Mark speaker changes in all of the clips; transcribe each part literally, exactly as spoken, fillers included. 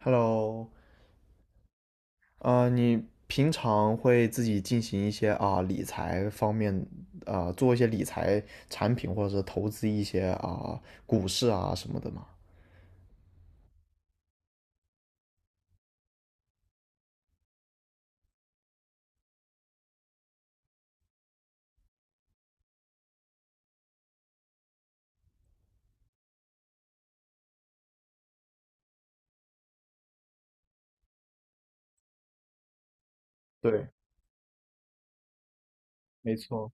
Speaker 1: Hello,呃，你平常会自己进行一些啊、理财方面啊、做一些理财产品或者是投资一些啊、股市啊什么的吗？对，没错，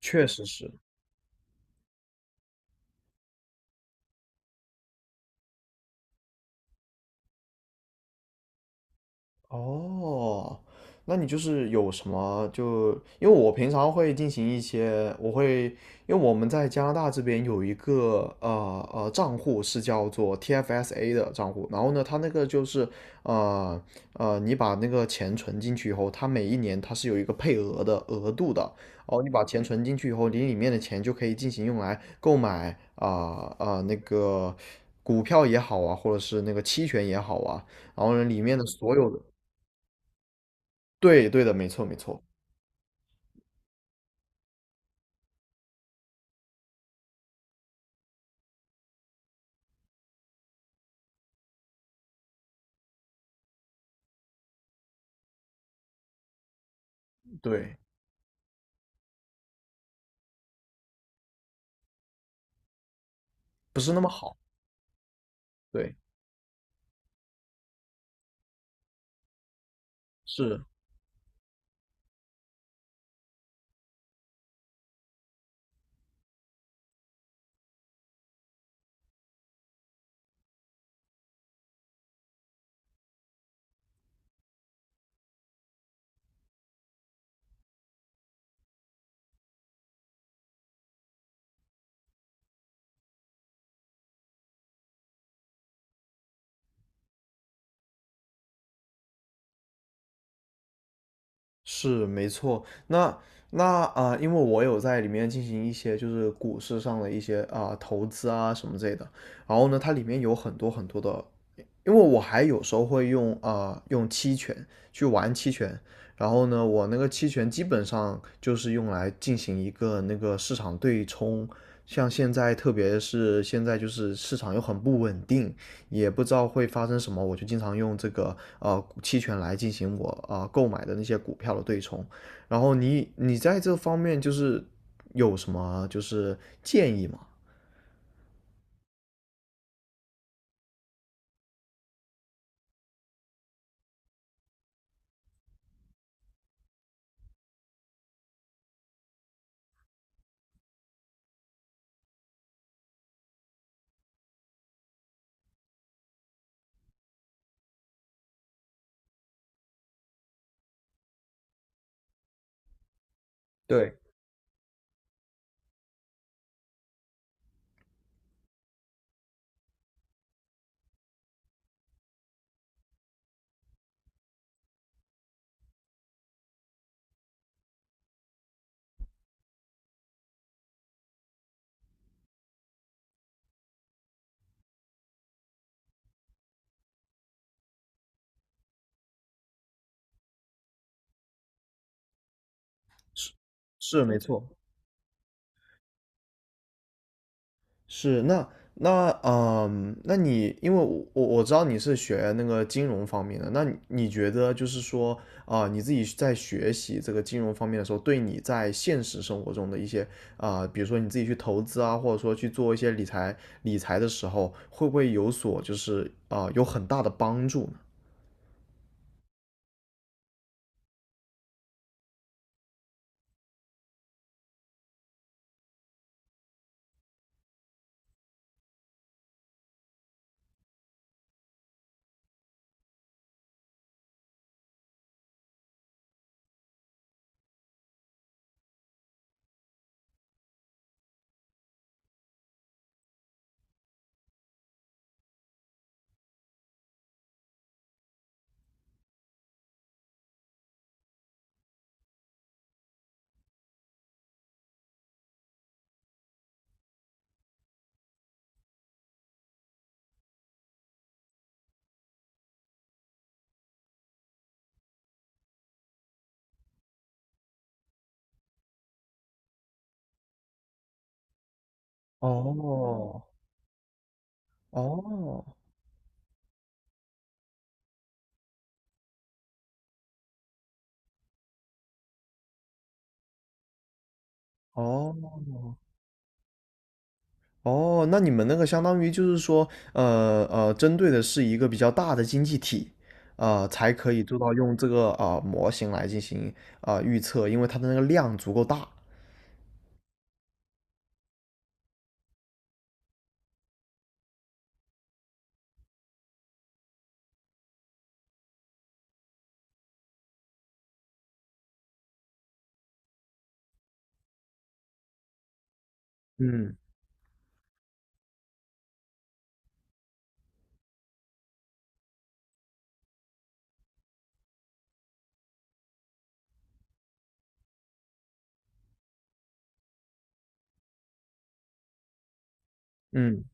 Speaker 1: 确实是。哦，那你就是有什么就，因为我平常会进行一些，我会，因为我们在加拿大这边有一个呃呃账户是叫做 T F S A 的账户，然后呢，它那个就是呃呃，你把那个钱存进去以后，它每一年它是有一个配额的额度的，哦，你把钱存进去以后，你里面的钱就可以进行用来购买啊啊、呃呃那个股票也好啊，或者是那个期权也好啊。然后呢，里面的所有的，对，对的，没错，没错，对，不是那么好，对，是是没错。那那啊、呃因为我有在里面进行一些就是股市上的一些啊、投资啊什么之类的，然后呢，它里面有很多很多的，因为我还有时候会用啊、呃用期权去玩期权，然后呢，我那个期权基本上就是用来进行一个那个市场对冲。像现在，特别是现在就是市场又很不稳定，也不知道会发生什么，我就经常用这个呃期权来进行我啊、呃购买的那些股票的对冲。然后你你在这方面就是有什么就是建议吗？对。是没错，是，那那嗯，那你因为我我我知道你是学那个金融方面的，那你你觉得就是说啊、你自己在学习这个金融方面的时候，对你在现实生活中的一些，啊、比如说你自己去投资啊，或者说去做一些理财理财的时候，会不会有所就是啊、有很大的帮助呢？哦哦哦。哦，那你们那个相当于就是说，呃呃，针对的是一个比较大的经济体，呃，才可以做到用这个呃模型来进行呃预测，因为它的那个量足够大。嗯嗯，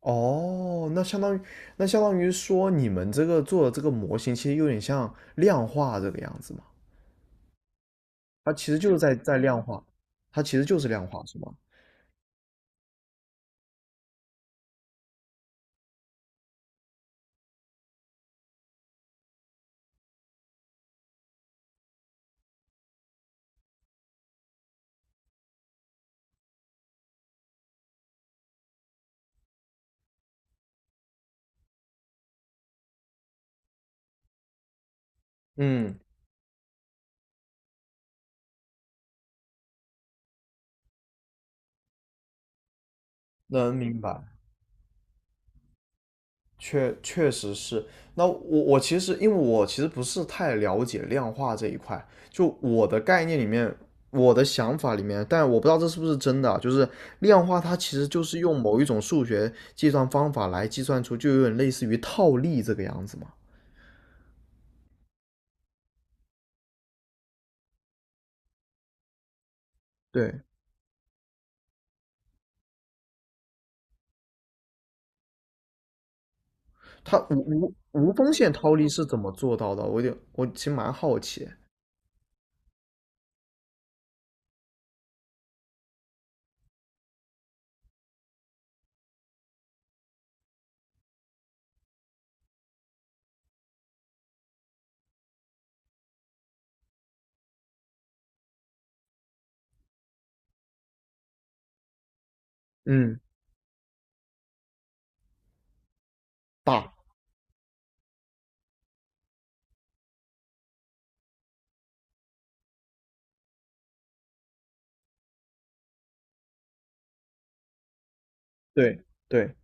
Speaker 1: 哦，那相当于那相当于说你们这个做的这个模型，其实有点像量化这个样子嘛，它其实就是在在量化，它其实就是量化，是吗？嗯，能明白。确确实是，那我我其实因为我其实不是太了解量化这一块，就我的概念里面，我的想法里面，但我不知道这是不是真的啊，就是量化它其实就是用某一种数学计算方法来计算出，就有点类似于套利这个样子嘛。对，它无无无风险套利是怎么做到的？我有点，我其实蛮好奇。嗯，大，对对，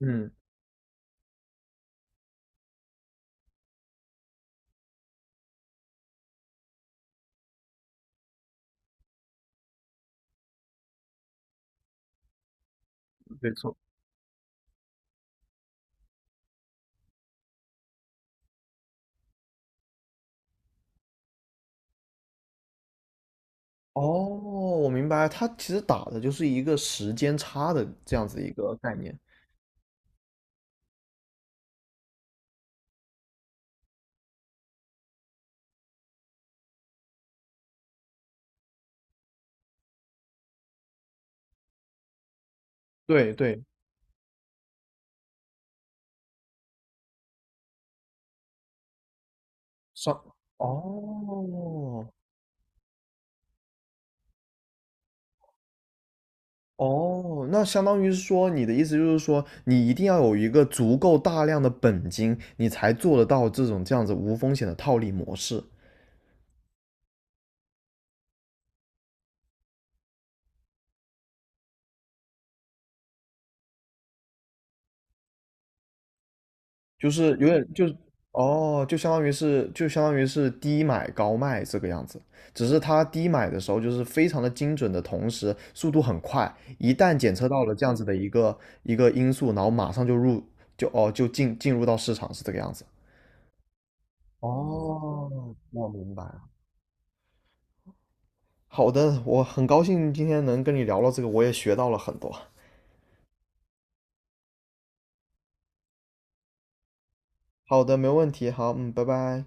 Speaker 1: 嗯，没错。哦，我明白，它其实打的就是一个时间差的这样子一个概念。对对，上，哦哦，那相当于是说，你的意思就是说，你一定要有一个足够大量的本金，你才做得到这种这样子无风险的套利模式。就是有点就是哦，就相当于是就相当于是低买高卖这个样子，只是它低买的时候就是非常的精准的，同时速度很快，一旦检测到了这样子的一个一个因素，然后马上就入就哦就进进入到市场是这个样子。哦，我明白了。好的，我很高兴今天能跟你聊到这个，我也学到了很多。好的，没问题。好，嗯，拜拜。